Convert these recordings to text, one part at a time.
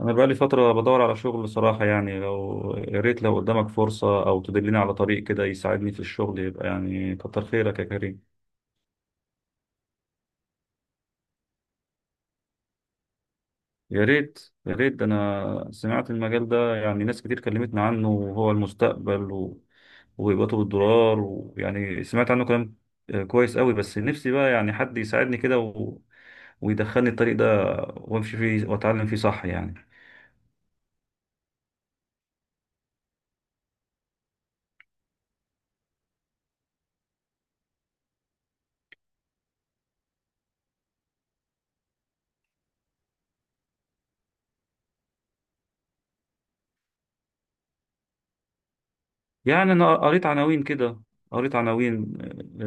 أنا بقالي فترة بدور على شغل بصراحة، يعني لو يا ريت، لو قدامك فرصة أو تدلني على طريق كده يساعدني في الشغل، يبقى يعني كتر خيرك يا كريم. يا ريت يا ريت، ده أنا سمعت المجال ده، يعني ناس كتير كلمتنا عنه وهو المستقبل و، ويبقى بالدولار، ويعني سمعت عنه كلام. آه، كويس قوي، بس نفسي بقى يعني حد يساعدني كده و، ويدخلني الطريق ده وامشي فيه واتعلم فيه، صح يعني. يعني أنا قريت عناوين كده، قريت عناوين. آه.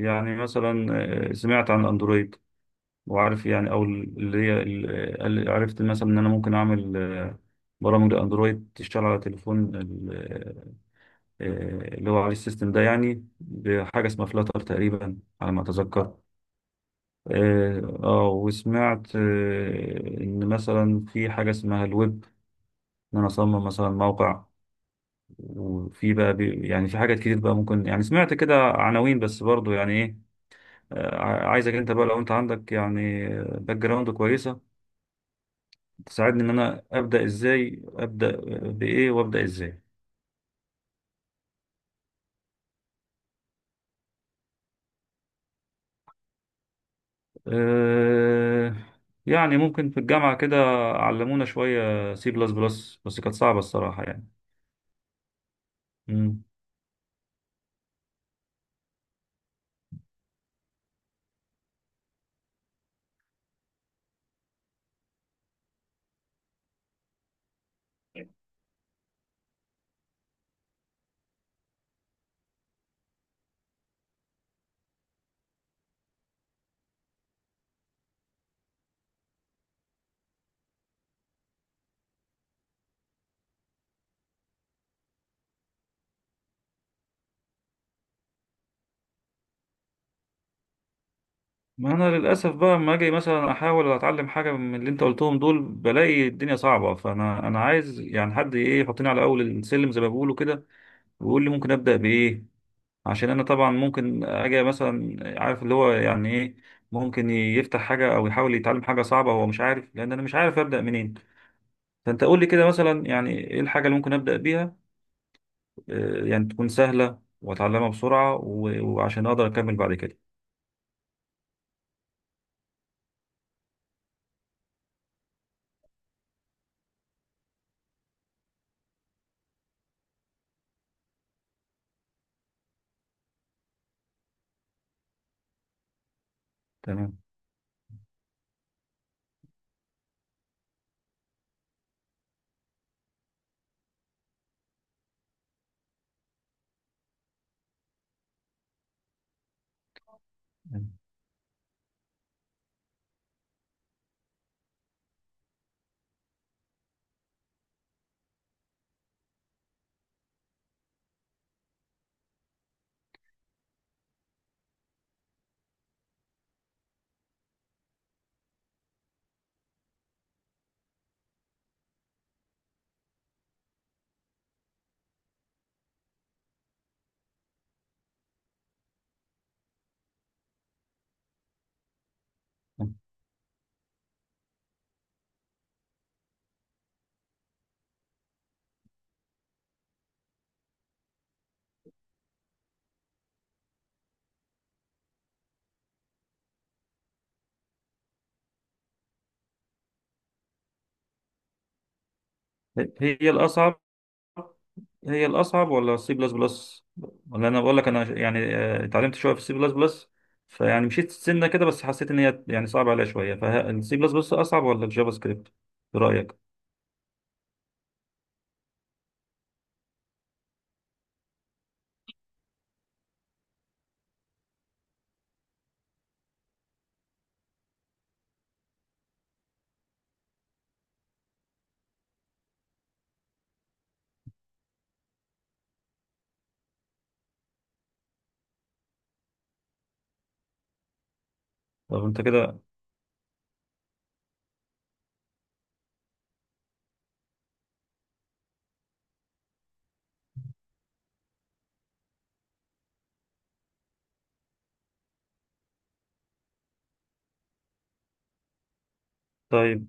يعني مثلا، سمعت عن الأندرويد وعارف، يعني أو اللي هي اللي عرفت مثلا إن أنا ممكن أعمل برامج لأندرويد تشتغل على تليفون اللي هو عليه السيستم ده، يعني بحاجة اسمها فلاتر تقريبا على ما أتذكر. وسمعت إن مثلا في حاجة اسمها الويب، إن أنا أصمم مثلا موقع. وفي بقى يعني في حاجات كتير بقى، ممكن يعني سمعت كده عناوين بس برضو يعني ايه. عايزك انت بقى، لو انت عندك يعني باك جراوند كويسة، تساعدني ان انا ابدأ ازاي، ابدأ بايه، وابدأ ازاي. أه، يعني ممكن في الجامعة كده علمونا شوية سي بلس بلس، بس كانت صعبة الصراحة يعني. مم. ما انا للاسف بقى لما اجي مثلا احاول اتعلم حاجه من اللي انت قلتهم دول، بلاقي الدنيا صعبه. فانا عايز يعني حد ايه يحطني على اول السلم زي ما بيقولوا كده، بيقول لي ممكن ابدا بايه. عشان انا طبعا ممكن اجي مثلا عارف اللي هو يعني ايه، ممكن يفتح حاجه او يحاول يتعلم حاجه صعبه هو مش عارف، لان انا مش عارف ابدا منين. فانت قول لي كده مثلا، يعني ايه الحاجه اللي ممكن ابدا بيها، يعني تكون سهله واتعلمها بسرعه، وعشان اقدر اكمل بعد كده. تمام. هي الاصعب هي الأصعب ولا السي بلس بلس؟ ولا أنا بقول لك، أنا يعني اتعلمت شوية في السي بلس بلس، فيعني مشيت سنة كده بس حسيت إن هي يعني صعبة عليا شوية. فالسي بلس بلس أصعب ولا الجافا سكريبت؟ برأيك؟ طب أنت كده. طيب،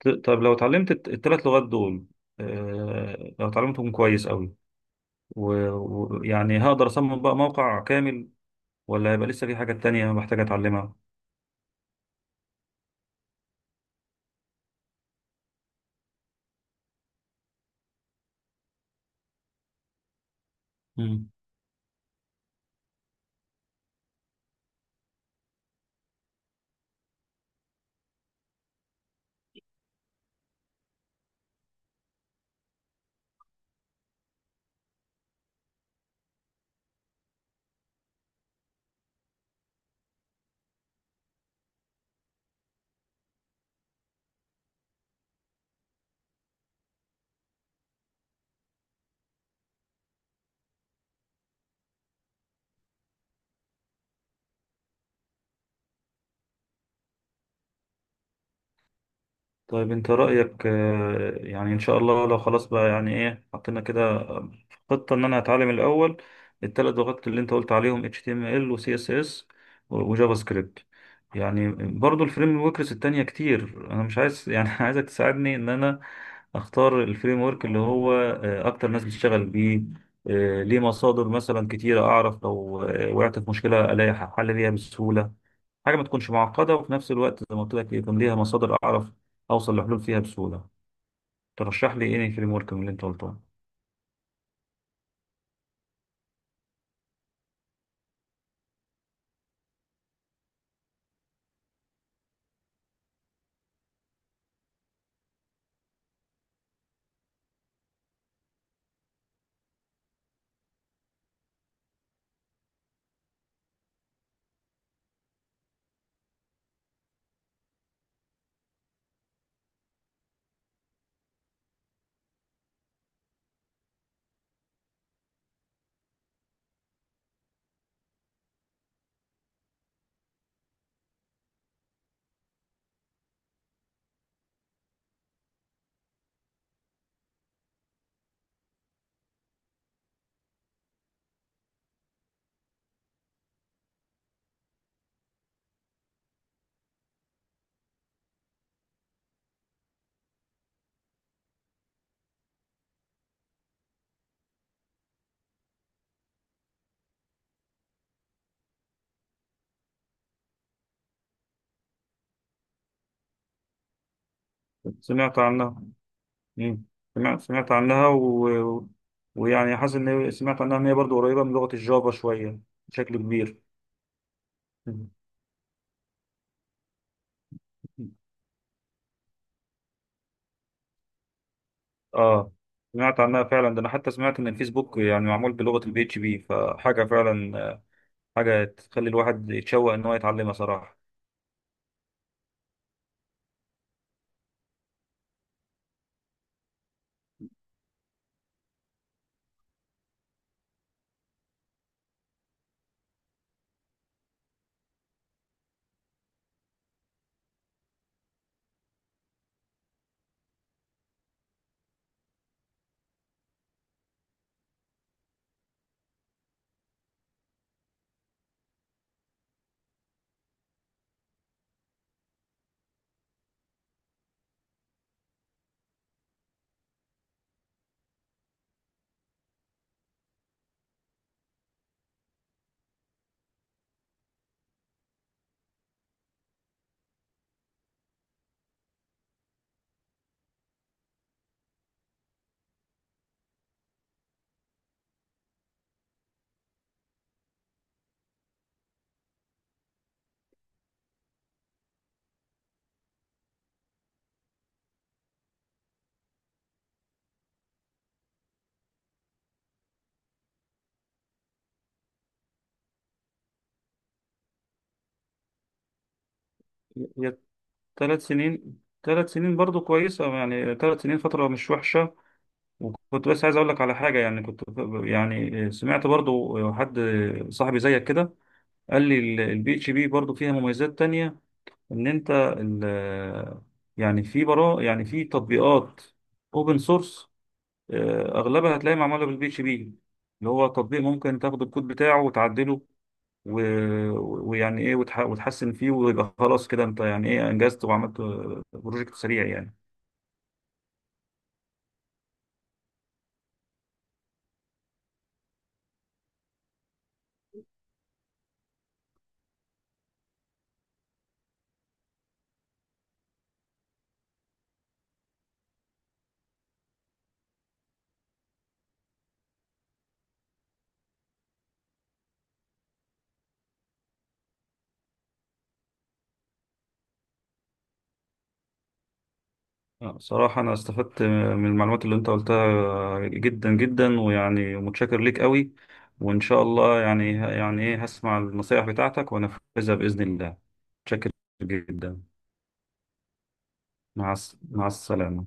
طب لو اتعلمت التلات لغات دول، لو اتعلمتهم كويس أوي، ويعني هقدر أصمم بقى موقع كامل، ولا هيبقى لسه في حاجات تانية محتاج أتعلمها؟ طيب، انت رأيك يعني، ان شاء الله لو خلاص بقى يعني ايه حطينا كده خطة، ان انا هتعلم الاول الثلاث لغات اللي انت قلت عليهم، HTML و CSS وجافا سكريبت يعني. برضو الفريم وركس التانية كتير، انا مش عايز يعني عايزك تساعدني ان انا اختار الفريم ورك اللي هو اكتر ناس بتشتغل بيه، ليه مصادر مثلا كتيرة، اعرف لو وقعت في مشكلة الاقي حل ليها بسهولة. حاجه ما تكونش معقده، وفي نفس الوقت زي ما قلت لك يكون ليها مصادر، اعرف اوصل لحلول فيها بسهوله. ترشح لي ايه فريم ورك من اللي انت قلتهم؟ سمعت عنها. مم. سمعت عنها و، و- ويعني حاسس ان سمعت عنها ان هي برضه قريبه من لغه الجافا شويه، بشكل كبير. مم. اه، سمعت عنها فعلا. ده انا حتى سمعت ان الفيسبوك يعني معمول بلغه البي اتش بي، فحاجه فعلا، حاجه تخلي الواحد يتشوق ان هو يتعلمها صراحه. ثلاث سنين، ثلاث سنين برضو كويسة، يعني ثلاث سنين فترة مش وحشة. وكنت بس عايز أقول لك على حاجة، يعني كنت، يعني سمعت برضو حد صاحبي زيك كده، قال لي البي اتش بي برضو فيها مميزات تانية، إن أنت ال- يعني في برا، يعني في تطبيقات أوبن سورس أغلبها هتلاقي معمولة بالبي اتش بي، اللي هو تطبيق ممكن تاخد الكود بتاعه وتعدله و، ويعني ايه وتحسن فيه، ويبقى خلاص كده انت يعني ايه انجزت وعملت بروجكت سريع يعني. صراحة انا استفدت من المعلومات اللي انت قلتها جدا جدا، ويعني متشكر ليك قوي. وان شاء الله يعني ايه هسمع النصائح بتاعتك وانفذها بإذن الله. متشكر جدا. مع السلامة.